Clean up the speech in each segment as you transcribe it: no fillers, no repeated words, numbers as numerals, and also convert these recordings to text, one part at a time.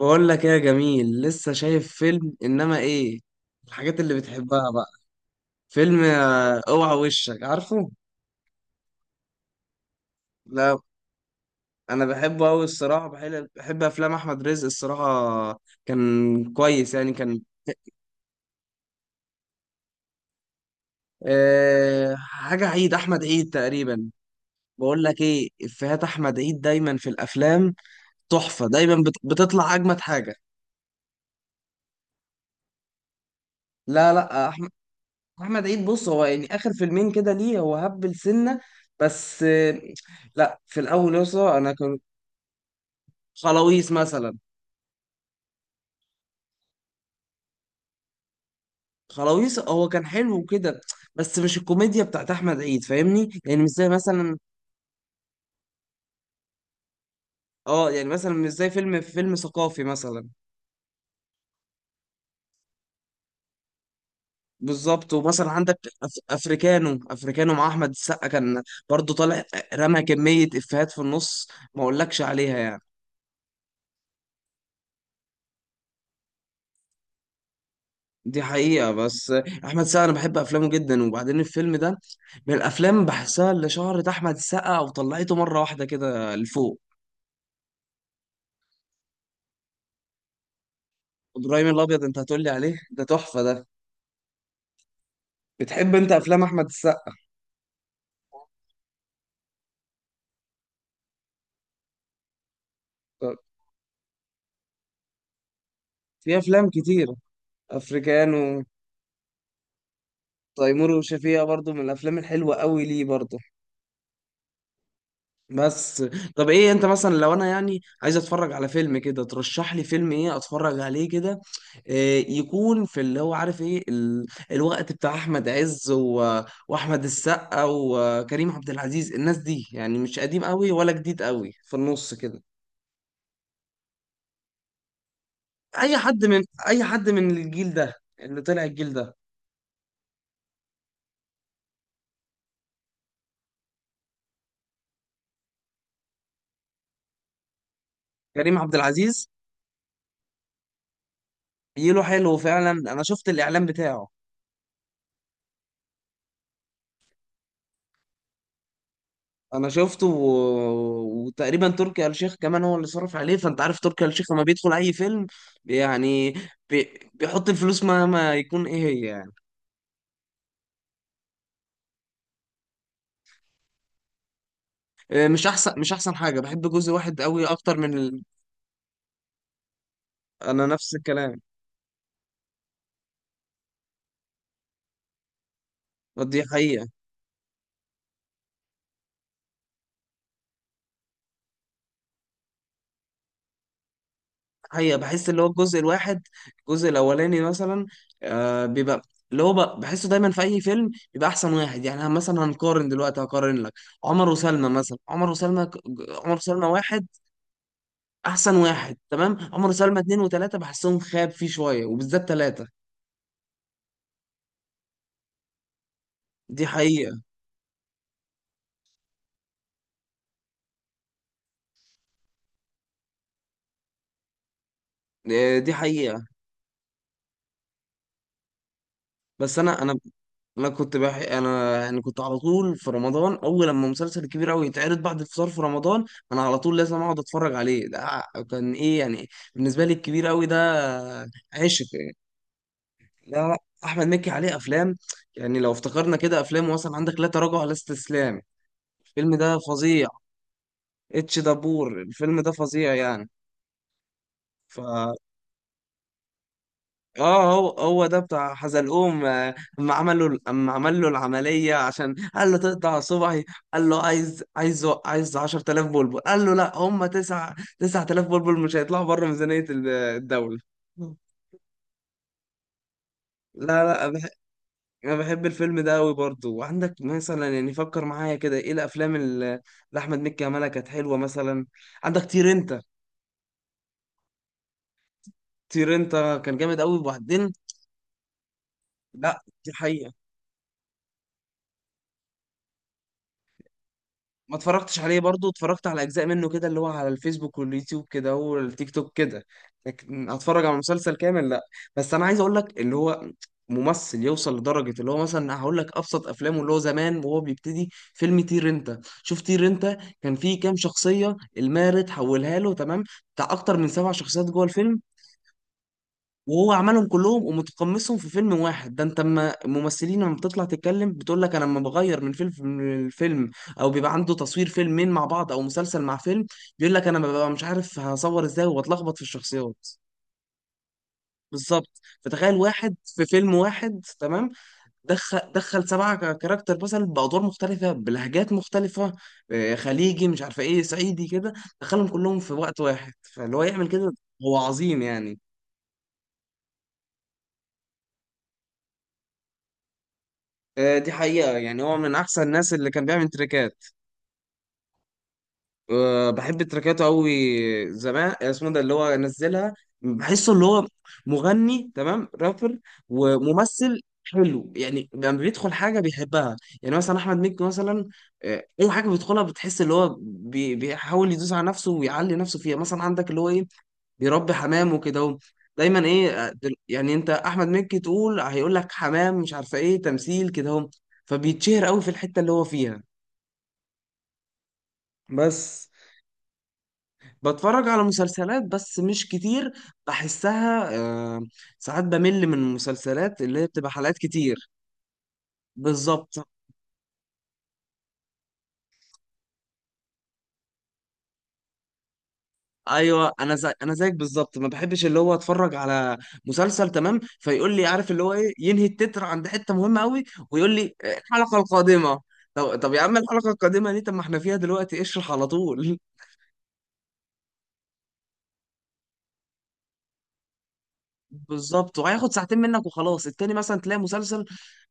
بقول لك ايه يا جميل؟ لسه شايف فيلم انما ايه الحاجات اللي بتحبها بقى. فيلم اوعى وشك عارفه. لا انا بحبه قوي الصراحه، بحب افلام احمد رزق الصراحه. كان كويس يعني كان. أه حاجه عيد، احمد عيد تقريبا. بقول لك ايه، افيهات احمد عيد دايما في الافلام تحفه. دايما بتطلع اجمد حاجه. لا، احمد، احمد عيد. بص هو يعني اخر فيلمين كده ليه؟ هو هبل سنه بس. لا، في الاول يسطا انا كان خلاويص مثلا. خلاويص هو كان حلو كده، بس مش الكوميديا بتاعت احمد عيد، فاهمني؟ يعني مش زي مثلا، اه يعني مثلا مش زي فيلم ثقافي مثلا. بالظبط. ومثلا عندك افريكانو، افريكانو مع احمد السقا كان برضو طالع. رمى كميه افيهات في النص ما اقولكش عليها يعني. دي حقيقة. بس أحمد السقا أنا بحب أفلامه جدا، وبعدين الفيلم ده من الأفلام بحسها اللي شهرت أحمد السقا وطلعته مرة واحدة كده لفوق. إبراهيم الأبيض، أنت هتقولي عليه؟ ده تحفة ده. بتحب أنت أفلام أحمد السقا؟ في أفلام كتير. أفريكانو. تيمور وشفيقة برضو من الأفلام الحلوة قوي ليه برضو. بس. طب ايه، انت مثلا لو انا يعني عايز اتفرج على فيلم كده، ترشح لي فيلم ايه اتفرج عليه كده؟ إيه يكون في اللي هو عارف ايه الوقت بتاع احمد عز و واحمد السقا وكريم عبد العزيز، الناس دي يعني مش قديم قوي ولا جديد قوي، في النص كده. اي حد من الجيل ده، اللي طلع الجيل ده. كريم عبد العزيز جيله حلو فعلا، انا شفت الاعلان بتاعه. انا شفته وتقريبا تركي آل الشيخ كمان هو اللي صرف عليه، فانت عارف تركي آل الشيخ لما بيدخل اي فيلم يعني بيحط الفلوس مهما يكون ايه هي يعني. مش احسن، مش احسن حاجه. بحب جزء واحد قوي اكتر من انا نفس الكلام. دي حقيقه. حقيقه بحس اللي هو الجزء الواحد، الجزء الاولاني مثلا، آه بيبقى اللي هو بحسه دايما في اي فيلم بيبقى احسن واحد يعني. أنا مثلا هنقارن دلوقتي، هقارن لك. عمر وسلمى مثلا، عمر وسلمى عمر وسلمى واحد احسن واحد تمام. عمر سلمى اتنين وتلاته بحسهم خاب فيه شويه، وبالذات تلاته. دي حقيقه. دي حقيقه. بس انا انا يعني كنت على طول في رمضان اول لما مسلسل كبير قوي يتعرض بعد الفطار في رمضان، انا على طول لازم اقعد اتفرج عليه ده. كان ايه يعني بالنسبه لي الكبير قوي ده، عشق يعني ده. احمد مكي عليه افلام يعني، لو افتكرنا كده افلام مثلا، عندك لا تراجع ولا استسلام، الفيلم ده فظيع. اتش دبور الفيلم ده فظيع يعني. ف اه هو هو ده بتاع حزلقوم، اما اما عمل له العمليه عشان قال له تقطع صبعي، قال له عايز 10000 بلبل، قال له لا هم 9 9000 بلبل مش هيطلعوا بره ميزانيه الدوله. لا لا أنا بح- انا بحب الفيلم ده قوي برضه. وعندك مثلا يعني فكر معايا كده، ايه الافلام اللي احمد مكي عملها كانت حلوه مثلا؟ عندك طير انت. طير انت كان جامد قوي. وبعدين لا دي حقيقة. ما اتفرجتش عليه برضو، اتفرجت على اجزاء منه كده اللي هو على الفيسبوك واليوتيوب كده والتيك توك كده، لكن اتفرج على مسلسل كامل لا. بس انا عايز اقول لك اللي هو ممثل يوصل لدرجة اللي هو مثلا، هقول لك ابسط افلامه اللي هو زمان وهو بيبتدي، فيلم طير انت، شوف طير انت كان فيه كام شخصية المارد حولها له تمام، بتاع اكتر من سبع شخصيات جوه الفيلم، وهو عملهم كلهم ومتقمصهم في فيلم واحد. ده انت اما الممثلين لما بتطلع تتكلم بتقول لك انا لما بغير من فيلم من الفيلم او بيبقى عنده تصوير فيلمين مع بعض او مسلسل مع فيلم، بيقول لك انا ببقى مش عارف هصور ازاي وبتلخبط في الشخصيات. بالظبط، فتخيل واحد في فيلم واحد تمام دخل سبعة كاركتر مثلا بأدوار مختلفة بلهجات مختلفة، خليجي مش عارفة ايه صعيدي كده، دخلهم كلهم في وقت واحد، فاللي هو يعمل كده هو عظيم يعني. دي حقيقة يعني، هو من أحسن الناس اللي كان بيعمل تريكات. بحب تريكاته أوي زمان. اسمه ده اللي هو نزلها، بحسه اللي هو مغني تمام رابر، وممثل حلو يعني لما بيدخل حاجة بيحبها يعني. مثلا أحمد مكي مثلا، أي حاجة بيدخلها بتحس اللي هو بيحاول يدوس على نفسه ويعلي نفسه فيها. مثلا عندك اللي هو إيه بيربي حمام وكده اهو، دايما ايه يعني انت احمد مكي تقول، هيقول لك حمام مش عارفه ايه، تمثيل كده اهو، فبيتشهر قوي في الحته اللي هو فيها. بس بتفرج على مسلسلات بس مش كتير، بحسها آه، ساعات بمل من المسلسلات اللي هي بتبقى حلقات كتير. بالظبط. ايوه انا زي انا زيك بالظبط، ما بحبش اللي هو اتفرج على مسلسل تمام فيقول لي عارف اللي هو ايه، ينهي التتر عند حته مهمه قوي ويقول لي الحلقه القادمه". طب يا عم الحلقه القادمه دي، طب ما احنا فيها دلوقتي اشرح على طول. بالظبط. وهياخد ساعتين منك وخلاص. التاني مثلا تلاقي مسلسل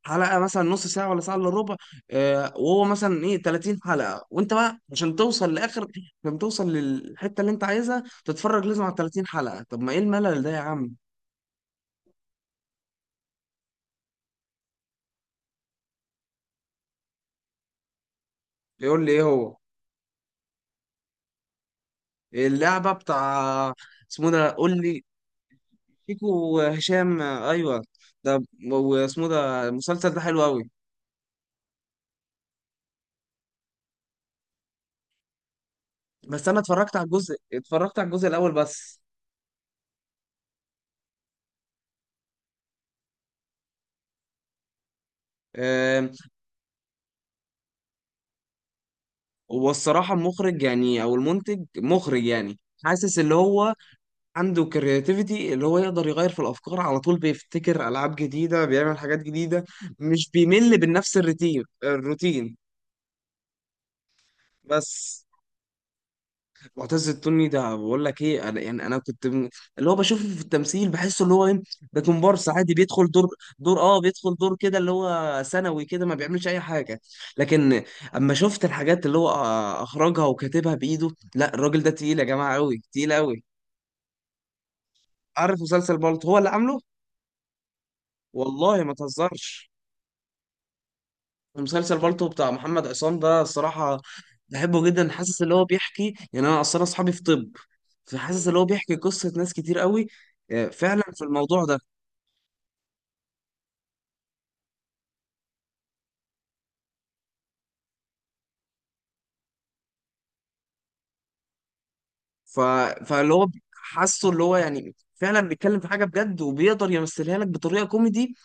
حلقه مثلا نص ساعه ولا ساعه الا ربع، آه وهو مثلا ايه 30 حلقه، وانت بقى عشان توصل لاخر، عشان توصل للحته اللي انت عايزها تتفرج لازم على 30 حلقه، طب ما ايه الملل ده يا عم؟ يقول لي ايه هو؟ اللعبة بتاع اسمه ده قول لي، شيكو وهشام، ايوه ده. واسمه ده المسلسل ده حلو قوي. بس انا اتفرجت على الجزء الاول بس. آم. والصراحة المخرج يعني او المنتج مخرج يعني، حاسس اللي هو عنده كرياتيفيتي، اللي هو يقدر يغير في الافكار على طول، بيفتكر العاب جديدة، بيعمل حاجات جديده، مش بيمل بنفس الروتين. بس. معتز التوني ده بقول لك ايه، انا يعني اللي هو بشوفه في التمثيل بحسه اللي هو ايه، ده كومبارس عادي بيدخل دور دور اه بيدخل دور كده اللي هو ثانوي كده ما بيعملش اي حاجه. لكن اما شفت الحاجات اللي هو اخرجها وكاتبها بايده، لا الراجل ده تقيل يا جماعه، قوي تقيل قوي. عارف مسلسل بالطو؟ هو اللي عامله. والله ما تهزرش. مسلسل بالطو بتاع محمد عصام ده الصراحه بحبه جدا، حاسس اللي هو بيحكي، يعني انا اصلا اصحابي في طب، فحاسس اللي هو بيحكي قصة ناس كتير قوي، فعلا في الموضوع ده. ف... فاللي هو حاسه اللي هو يعني فعلا بيتكلم في حاجة بجد، وبيقدر يمثلها لك بطريقة كوميدي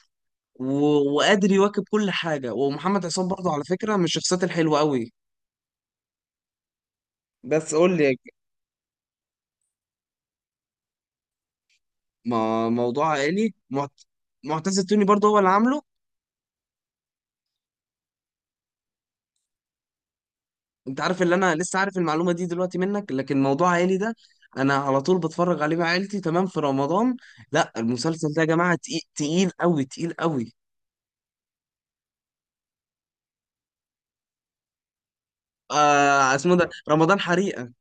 و وقادر يواكب كل حاجة. ومحمد عصام برضه على فكرة من الشخصيات الحلوة قوي. بس قول لي. ما... موضوع عائلي معتز التوني برضه هو اللي عامله. انت عارف اللي انا لسه عارف المعلومة دي دلوقتي منك؟ لكن موضوع عائلي ده انا على طول بتفرج عليه مع عيلتي تمام في رمضان. لا المسلسل ده يا جماعة تقيل، تقيل قوي تقيل قوي. آه اسمه ده رمضان حريقه.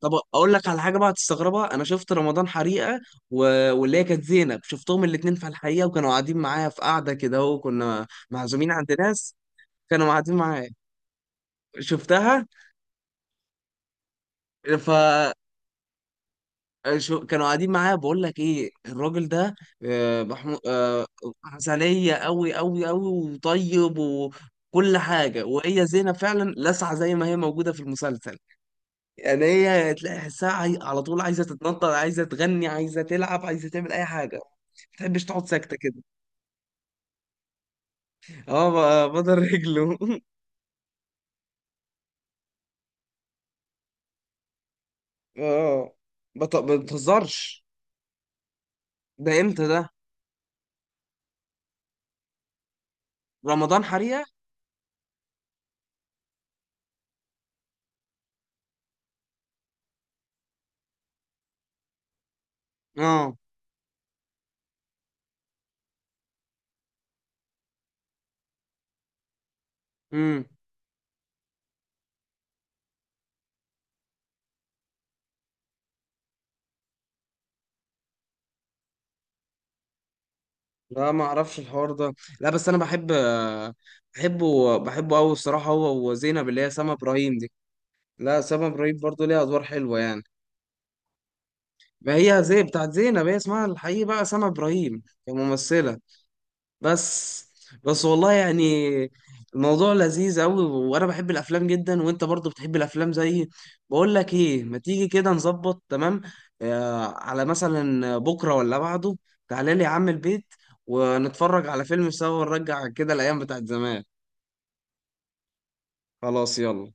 طب اقول لك على حاجه بقى هتستغربها، انا شفت رمضان حريقه و... واللي هي كانت زينب، شفتهم الاثنين في الحقيقه، وكانوا قاعدين معايا في قعده كده اهو، كنا معزومين عند ناس، كانوا قاعدين معايا شفتها. ف كانوا قاعدين معايا. بقول لك ايه، الراجل ده آه محمود آه عسليه قوي قوي قوي وطيب وكل حاجه. وهي زينب فعلا لسعه زي ما هي موجوده في المسلسل يعني، هي تلاقي حسها على طول عايزه تتنطط، عايزه تغني، عايزه تلعب، عايزه تعمل اي حاجه، ما تحبش تقعد ساكته كده. اه بدل رجله. اه ما بتهزرش. ده امتى ده؟ رمضان حريقه. اه. امم. لا ما اعرفش الحوار ده. لا بس انا بحبه قوي الصراحه، هو وزينب اللي هي سما ابراهيم دي. لا سما ابراهيم برضو ليها ادوار حلوه يعني، ما هي زي بتاعت زينب هي اسمها الحقيقي بقى سما ابراهيم كممثله. بس. بس والله يعني الموضوع لذيذ قوي، وانا بحب الافلام جدا وانت برضو بتحب الافلام زيي. بقول لك ايه، ما تيجي كده نظبط تمام على مثلا بكره ولا بعده، تعالى لي يا عم البيت، ونتفرج على فيلم سوا ونرجع كده الايام بتاعت زمان. خلاص يلا.